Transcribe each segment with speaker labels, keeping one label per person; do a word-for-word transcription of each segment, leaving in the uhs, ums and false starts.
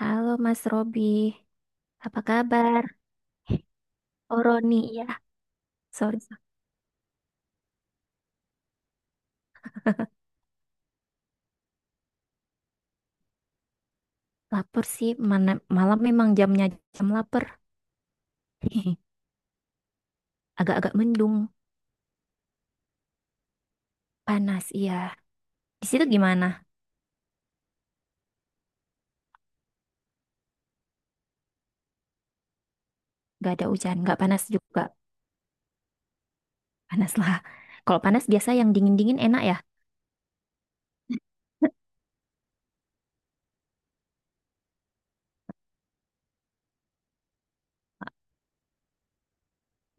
Speaker 1: Halo Mas Robi, apa kabar? Oh Roni, ya. Sorry, lapar sih. Mana, malam memang jamnya jam lapar. Agak-agak mendung, panas, iya. Di situ gimana? Gak ada hujan, gak panas juga. Panas lah. Kalau panas biasa yang dingin-dingin enak ya.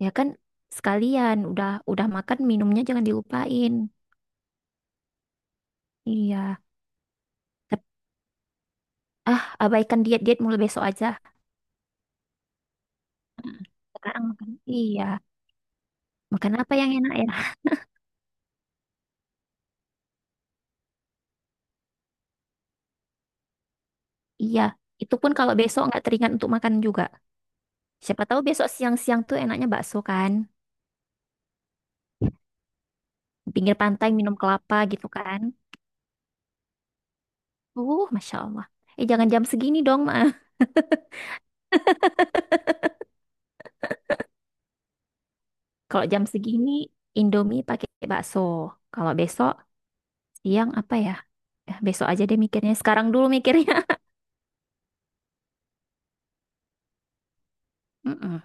Speaker 1: Ya kan sekalian, udah udah makan minumnya jangan dilupain. Iya. Tep- Ah, abaikan diet-diet mulai besok aja. Sekarang makan. Iya. Makan apa yang enak ya? Iya, itu pun kalau besok nggak teringat untuk makan juga. Siapa tahu besok siang-siang tuh enaknya bakso kan. Di Pinggir pantai minum kelapa gitu kan. Uh, Masya Allah. Eh, jangan jam segini dong, Ma. Kalau jam segini, Indomie pakai bakso. Kalau besok, siang apa ya? Eh, besok aja deh mikirnya. Sekarang dulu mikirnya. Mm-mm.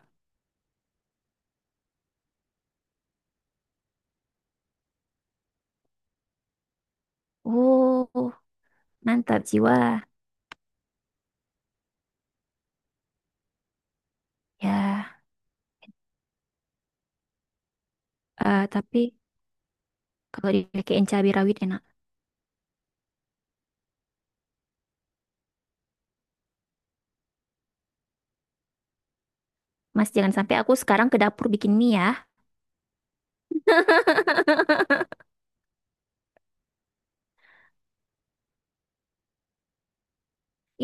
Speaker 1: Uh, mantap jiwa. Ya, eh, tapi kalau dipakein cabai rawit enak. Mas, jangan sampai aku sekarang ke dapur bikin mie ya.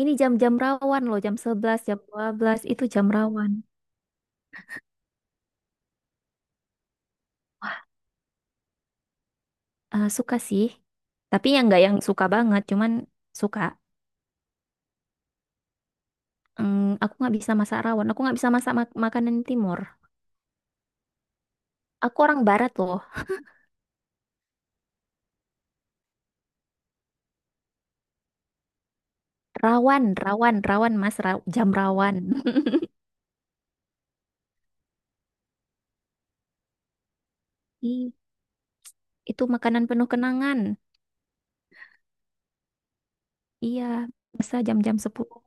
Speaker 1: Ini jam-jam rawan loh, jam sebelas, jam dua belas, itu jam rawan. Eh, suka sih. Tapi yang nggak yang suka banget, cuman suka. Mm, aku nggak bisa masak rawan. Aku nggak bisa masak mak- makanan timur. Aku orang barat loh. Rawan, rawan, rawan, Mas, ra- jam rawan. Ih, itu makanan penuh kenangan. Iya, bisa jam-jam sepuluh.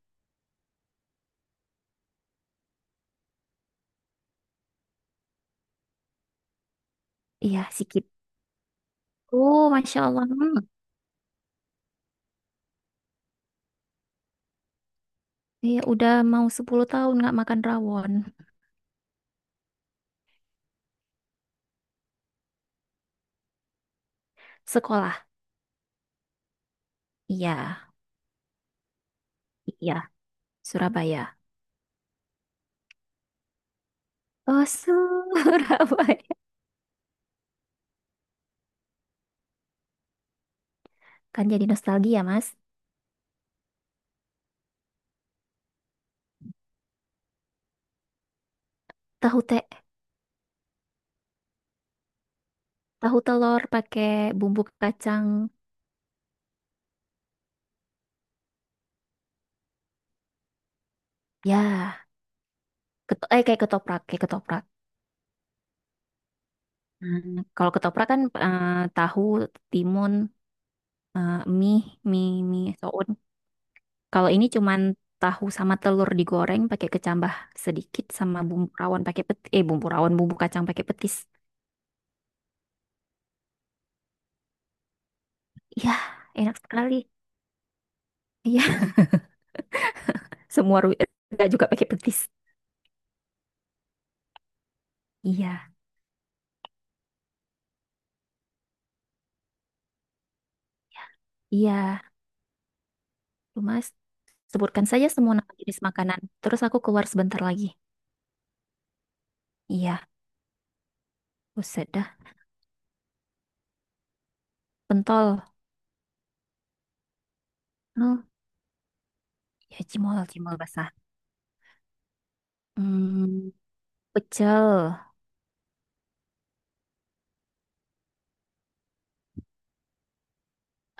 Speaker 1: Iya, sikit. Oh, Masya Allah. Hmm. Iya, udah mau sepuluh tahun nggak makan rawon. Sekolah. Iya, iya, Surabaya. Oh, Surabaya. Kan jadi nostalgia, Mas. Tahu te, tahu telur pakai bumbu kacang. Ya, keto eh kayak ketoprak, kayak ketoprak. Hmm, kalau ketoprak kan eh, tahu, timun, eh, mie, mie, mie soun. Kalau ini cuman tahu sama telur digoreng pakai kecambah sedikit sama bumbu rawon pakai peti, eh bumbu rawon, bumbu kacang pakai petis. Iya, enak sekali. Iya, semua ru- eh, juga pakai petis. Iya, iya. Tuh, Mas. Sebutkan saja semua nama jenis makanan. Terus aku keluar sebentar lagi. Iya, buset dah. Pentol. Oh, ya cimol, cimol basah. Hmm, pecel.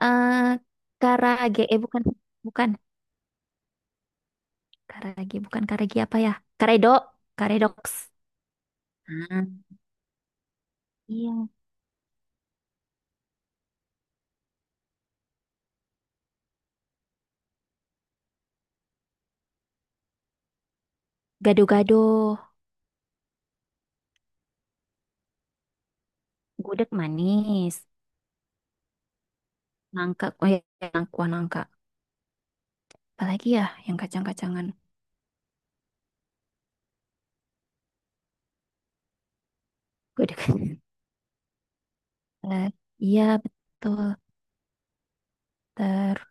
Speaker 1: Eh, karage. Eh, bukan. Bukan. Karage. Bukan karage apa ya? Karedo. Karedoks. Ah, iya. Gado-gado. Gudeg manis. Nangka. Oh ya, nangka. Wah, nangka. Apalagi ya yang kacang-kacangan. Gudeg. Eh, iya, betul. Ter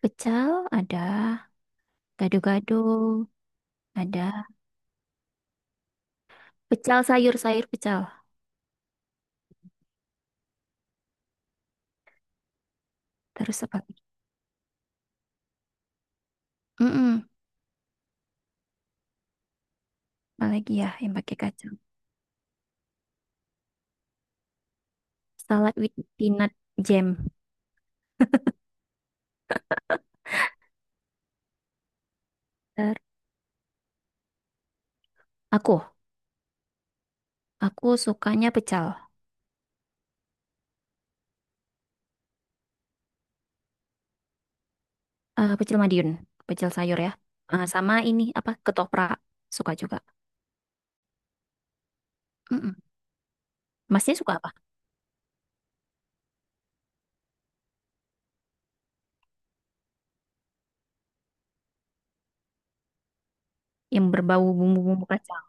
Speaker 1: pecel ada. Gado-gado, ada pecel sayur-sayur pecel. Terus apa lagi? Mm-mm, apa lagi ya yang pakai kacang? Salad with peanut jam. Ter aku, aku sukanya pecel. Eh, pecel Madiun, pecel sayur ya. Eh, sama ini apa? Ketoprak, suka juga. Mm-mm. Masnya suka apa? Yang berbau bumbu-bumbu kacang.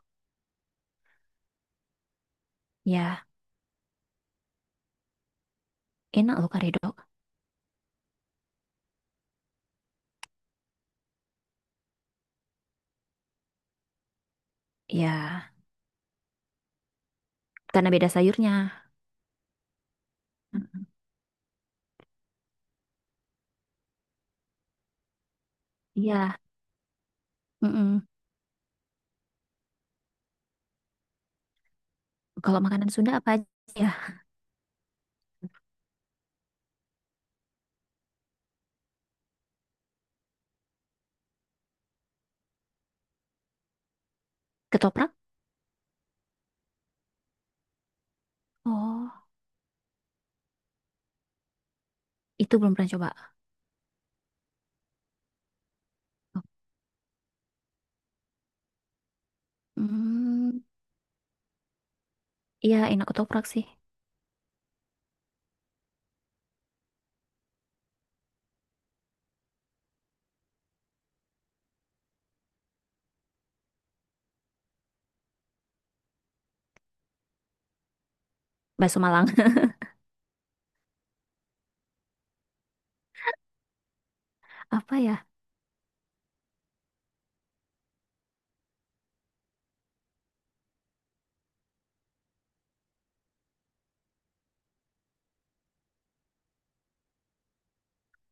Speaker 1: Ya, enak loh karedok. Ya, karena beda sayurnya. Iya, mm-mm. Kalau makanan Sunda apa aja? Ya? Ketoprak? Oh, itu belum pernah coba. Hmm, iya enak ketoprak sih. Bakso Malang. Apa ya?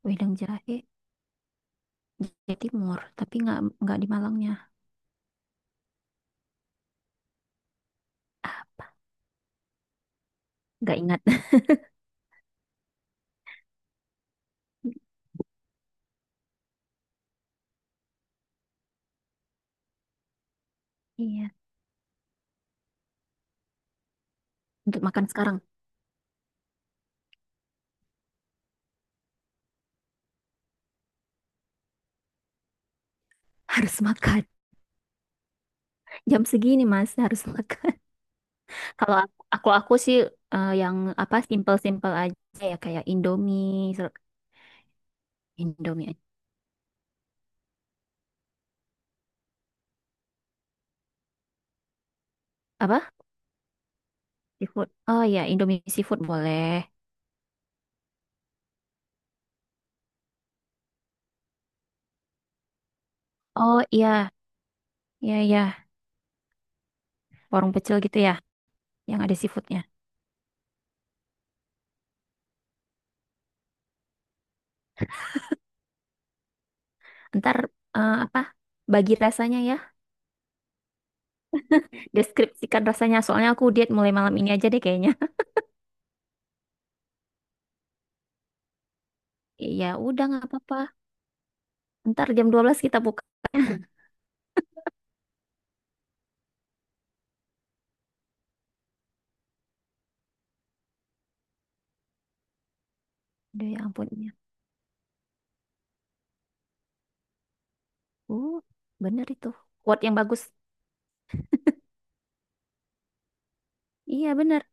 Speaker 1: Wedang jahe Jawa Timur, tapi nggak nggak di Malangnya. Apa? Nggak ingat. Iya. Untuk makan sekarang harus makan. Jam segini Mas harus makan. Kalau aku aku, aku sih eh, yang apa simple-simple aja ya kayak Indomie, ser- Indomie aja. Apa? Seafood. Oh iya, Indomie seafood boleh. Oh iya, iya iya, warung pecel gitu ya yang ada seafoodnya. Ntar eh, apa? Bagi rasanya ya. Deskripsikan rasanya. Soalnya aku diet mulai malam ini aja deh kayaknya. Ya udah nggak apa-apa. Ntar jam dua belas kita buka. Aduh, ya ampun. Iya. Uh, bener itu. Quote yang bagus. Iya, bener.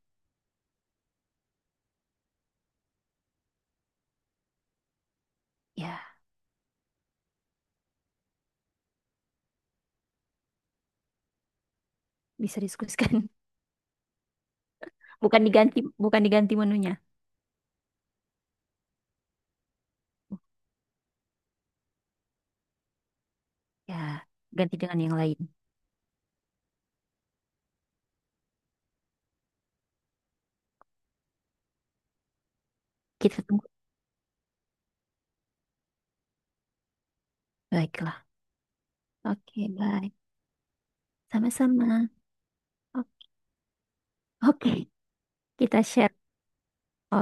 Speaker 1: Ya, bisa diskusikan. Bukan diganti, bukan diganti menunya. Ya, ganti dengan yang lain. Kita tunggu. Baiklah. Oke, baik. Sama-sama. O- Oke, kita share.